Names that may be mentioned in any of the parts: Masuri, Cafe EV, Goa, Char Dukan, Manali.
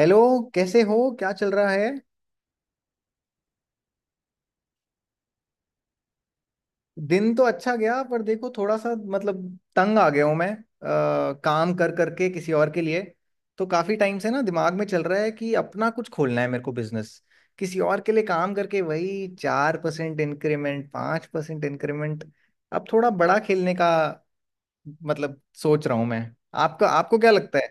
Hello. कैसे हो, क्या चल रहा है? दिन तो अच्छा गया, पर देखो, थोड़ा सा, मतलब, तंग आ गया हूँ मैं, काम कर करके किसी और के लिए। तो काफी टाइम से ना दिमाग में चल रहा है कि अपना कुछ खोलना है मेरे को, बिजनेस। किसी और के लिए काम करके वही 4% इंक्रीमेंट, 5% इंक्रीमेंट। अब थोड़ा बड़ा खेलने का मतलब सोच रहा हूँ मैं। आपका आपको क्या लगता है?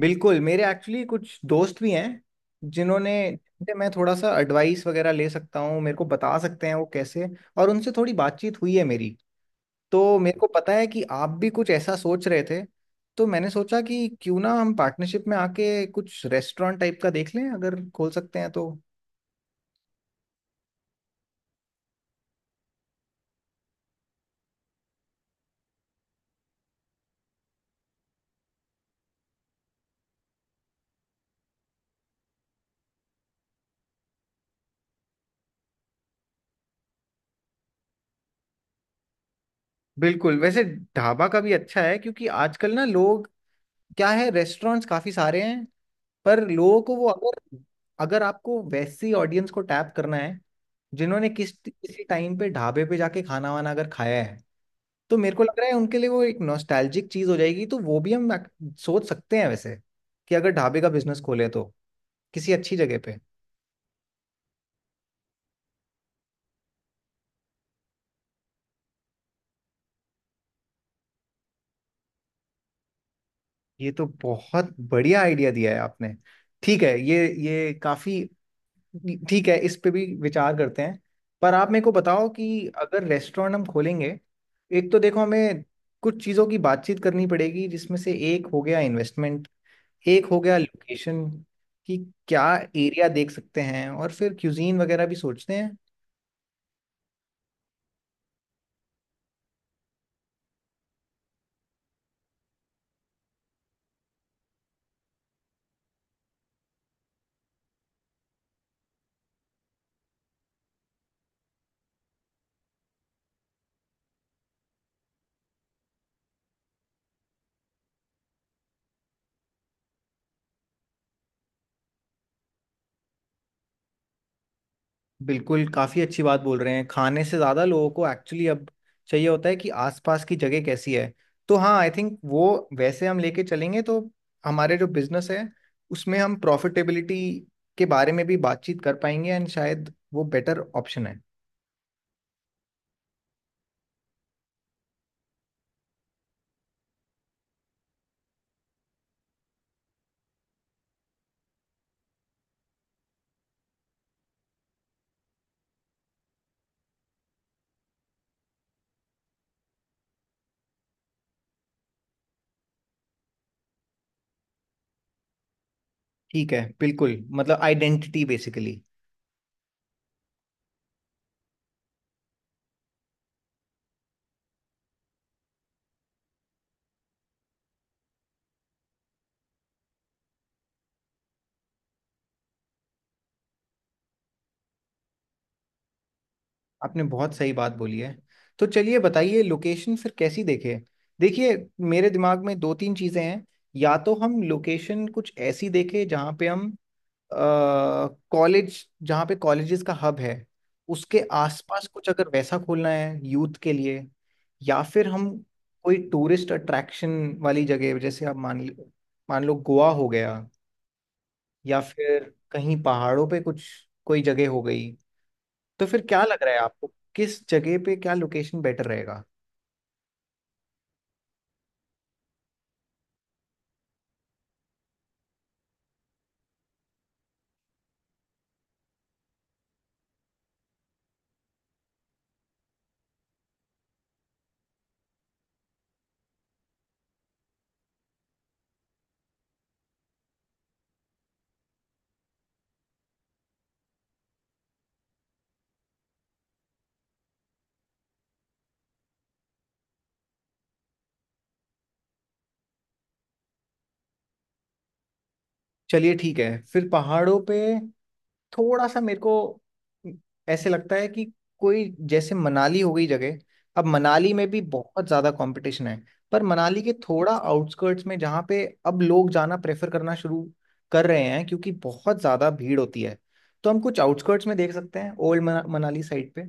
बिल्कुल। मेरे एक्चुअली कुछ दोस्त भी हैं जिन्होंने जिनसे मैं थोड़ा सा एडवाइस वगैरह ले सकता हूँ, मेरे को बता सकते हैं वो कैसे। और उनसे थोड़ी बातचीत हुई है मेरी। तो मेरे को पता है कि आप भी कुछ ऐसा सोच रहे थे। तो मैंने सोचा कि क्यों ना हम पार्टनरशिप में आके कुछ रेस्टोरेंट टाइप का देख लें, अगर खोल सकते हैं तो। बिल्कुल। वैसे ढाबा का भी अच्छा है, क्योंकि आजकल ना लोग, क्या है, रेस्टोरेंट्स काफ़ी सारे हैं। पर लोगों को वो, अगर अगर आपको वैसी ऑडियंस को टैप करना है जिन्होंने किसी टाइम पे ढाबे पे जाके खाना वाना अगर खाया है, तो मेरे को लग रहा है उनके लिए वो एक नॉस्टैल्जिक चीज हो जाएगी। तो वो भी हम सोच सकते हैं, वैसे, कि अगर ढाबे का बिजनेस खोले तो किसी अच्छी जगह पे। ये तो बहुत बढ़िया आइडिया दिया है आपने। ठीक है, ये काफी, ठीक है, इस पे भी विचार करते हैं। पर आप मेरे को बताओ कि अगर रेस्टोरेंट हम खोलेंगे, एक तो देखो हमें कुछ चीज़ों की बातचीत करनी पड़ेगी, जिसमें से एक हो गया इन्वेस्टमेंट, एक हो गया लोकेशन कि क्या एरिया देख सकते हैं, और फिर क्यूजीन वगैरह भी सोचते हैं। बिल्कुल, काफ़ी अच्छी बात बोल रहे हैं। खाने से ज़्यादा लोगों को एक्चुअली अब चाहिए होता है कि आसपास की जगह कैसी है। तो हाँ, आई थिंक वो वैसे हम लेके चलेंगे तो हमारे जो बिजनेस है उसमें हम प्रॉफिटेबिलिटी के बारे में भी बातचीत कर पाएंगे, एंड शायद वो बेटर ऑप्शन है। ठीक है, बिल्कुल, मतलब आइडेंटिटी बेसिकली। आपने बहुत सही बात बोली है। तो चलिए बताइए, लोकेशन फिर कैसी देखे। देखिए, मेरे दिमाग में दो तीन चीज़ें हैं। या तो हम लोकेशन कुछ ऐसी देखें जहाँ पे हम कॉलेज जहाँ पे कॉलेजेस का हब है उसके आसपास कुछ, अगर वैसा खोलना है यूथ के लिए। या फिर हम कोई टूरिस्ट अट्रैक्शन वाली जगह, जैसे आप मान लो गोवा हो गया, या फिर कहीं पहाड़ों पे कुछ कोई जगह हो गई। तो फिर क्या लग रहा है आपको, किस जगह पे क्या लोकेशन बेटर रहेगा? चलिए ठीक है, फिर पहाड़ों पे थोड़ा सा मेरे को ऐसे लगता है कि कोई, जैसे मनाली हो गई जगह। अब मनाली में भी बहुत ज्यादा कंपटीशन है। पर मनाली के थोड़ा आउटस्कर्ट्स में जहाँ पे अब लोग जाना प्रेफर करना शुरू कर रहे हैं, क्योंकि बहुत ज्यादा भीड़ होती है। तो हम कुछ आउटस्कर्ट्स में देख सकते हैं, ओल्ड मनाली साइड पे।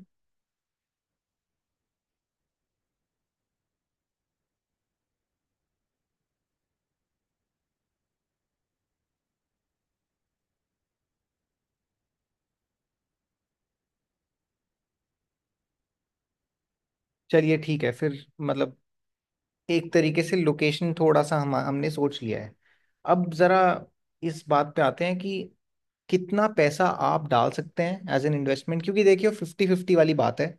चलिए ठीक है, फिर मतलब एक तरीके से लोकेशन थोड़ा सा हम हमने सोच लिया है। अब जरा इस बात पे आते हैं कि कितना पैसा आप डाल सकते हैं एज एन इन्वेस्टमेंट, क्योंकि देखिए फिफ्टी फिफ्टी वाली बात है।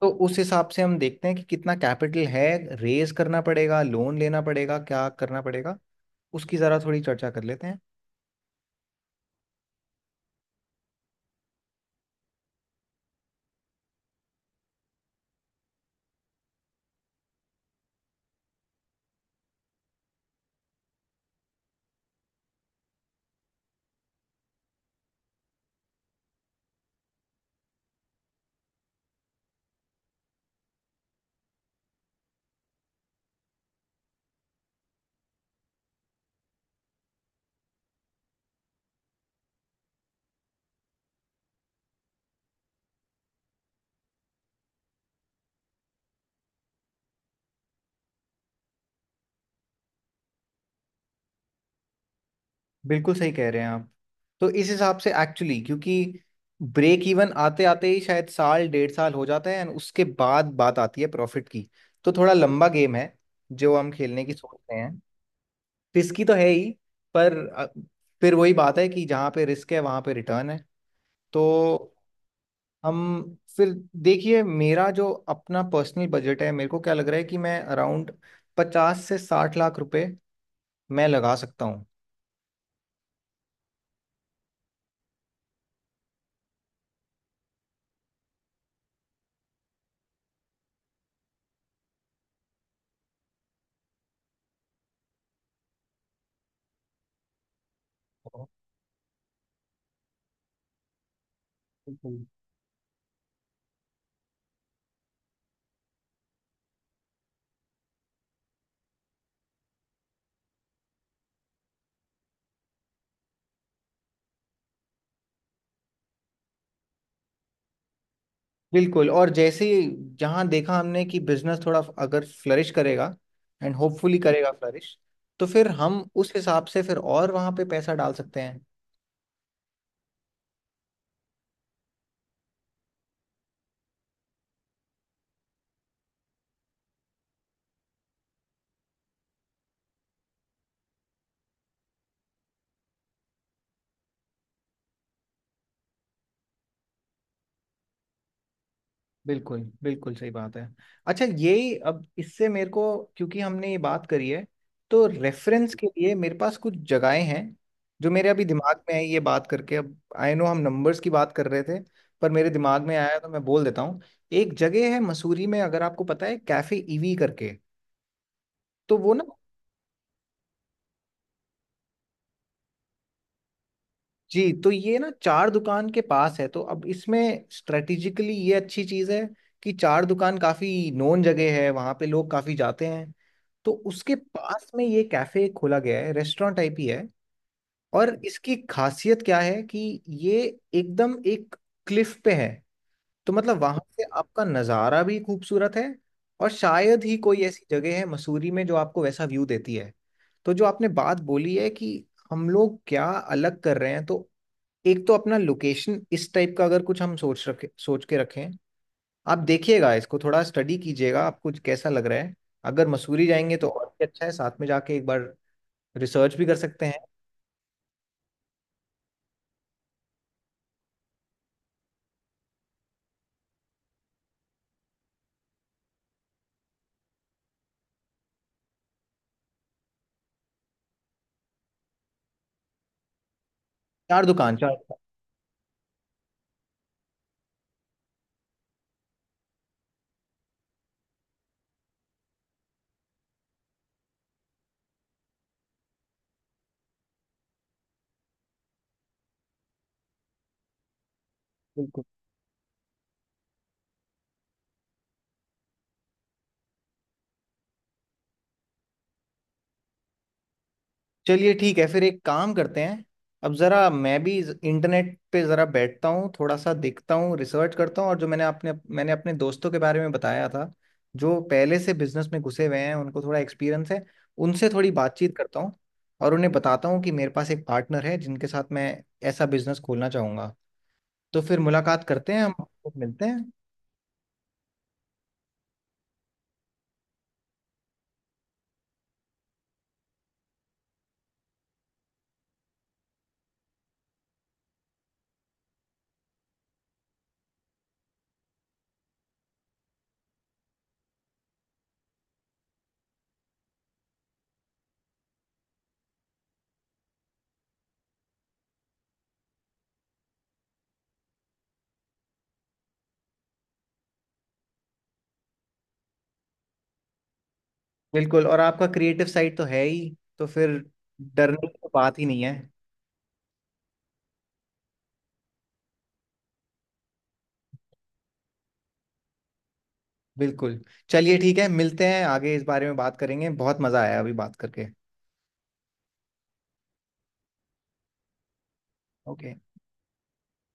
तो उस हिसाब से हम देखते हैं कि कितना कैपिटल है, रेज करना पड़ेगा, लोन लेना पड़ेगा, क्या करना पड़ेगा, उसकी ज़रा थोड़ी चर्चा कर लेते हैं। बिल्कुल सही कह रहे हैं आप। तो इस हिसाब से एक्चुअली, क्योंकि ब्रेक इवन आते आते ही शायद साल डेढ़ साल हो जाता है, एंड उसके बाद बात आती है प्रॉफिट की। तो थोड़ा लंबा गेम है जो हम खेलने की सोच रहे हैं। रिस्की तो है ही, पर फिर वही बात है कि जहाँ पे रिस्क है वहाँ पे रिटर्न है। तो हम फिर, देखिए मेरा जो अपना पर्सनल बजट है, मेरे को क्या लग रहा है कि मैं अराउंड 50 से 60 लाख रुपए मैं लगा सकता हूँ। बिल्कुल, बिल्कुल। और जैसे ही जहाँ देखा हमने कि बिजनेस थोड़ा अगर फ्लरिश करेगा, एंड होपफुली करेगा फ्लरिश, तो फिर हम उस हिसाब से फिर और वहाँ पे पैसा डाल सकते हैं। बिल्कुल, बिल्कुल सही बात है। अच्छा, यही अब इससे मेरे को, क्योंकि हमने ये बात करी है, तो रेफरेंस के लिए मेरे पास कुछ जगहें हैं जो मेरे अभी दिमाग में है। ये बात करके, अब आई नो हम नंबर्स की बात कर रहे थे, पर मेरे दिमाग में आया तो मैं बोल देता हूँ। एक जगह है मसूरी में, अगर आपको पता है, कैफे ईवी करके। तो वो ना, जी, तो ये ना चार दुकान के पास है। तो अब इसमें स्ट्रेटेजिकली ये अच्छी चीज़ है कि चार दुकान काफ़ी नोन जगह है, वहाँ पे लोग काफ़ी जाते हैं। तो उसके पास में ये कैफ़े खोला गया है, रेस्टोरेंट टाइप ही है। और इसकी खासियत क्या है कि ये एकदम एक क्लिफ पे है। तो मतलब वहाँ से आपका नज़ारा भी खूबसूरत है। और शायद ही कोई ऐसी जगह है मसूरी में जो आपको वैसा व्यू देती है। तो जो आपने बात बोली है कि हम लोग क्या अलग कर रहे हैं, तो एक तो अपना लोकेशन इस टाइप का अगर कुछ हम सोच के रखें। आप देखिएगा इसको, थोड़ा स्टडी कीजिएगा आपको कैसा लग रहा है। अगर मसूरी जाएंगे तो और भी अच्छा है, साथ में जाके एक बार रिसर्च भी कर सकते हैं। चार दुकान, चार दुकान। बिल्कुल। चलिए ठीक है फिर, एक काम करते हैं। अब ज़रा मैं भी इंटरनेट पे ज़रा बैठता हूँ, थोड़ा सा देखता हूँ, रिसर्च करता हूँ। और जो मैंने अपने दोस्तों के बारे में बताया था जो पहले से बिजनेस में घुसे हुए हैं, उनको थोड़ा एक्सपीरियंस है, उनसे थोड़ी बातचीत करता हूँ। और उन्हें बताता हूँ कि मेरे पास एक पार्टनर है जिनके साथ मैं ऐसा बिजनेस खोलना चाहूँगा। तो फिर मुलाकात करते हैं, हम आपको मिलते हैं। बिल्कुल, और आपका क्रिएटिव साइड तो है ही, तो फिर डरने की तो बात ही नहीं है। बिल्कुल। चलिए ठीक है, मिलते हैं आगे इस बारे में बात करेंगे। बहुत मजा आया अभी बात करके। ओके।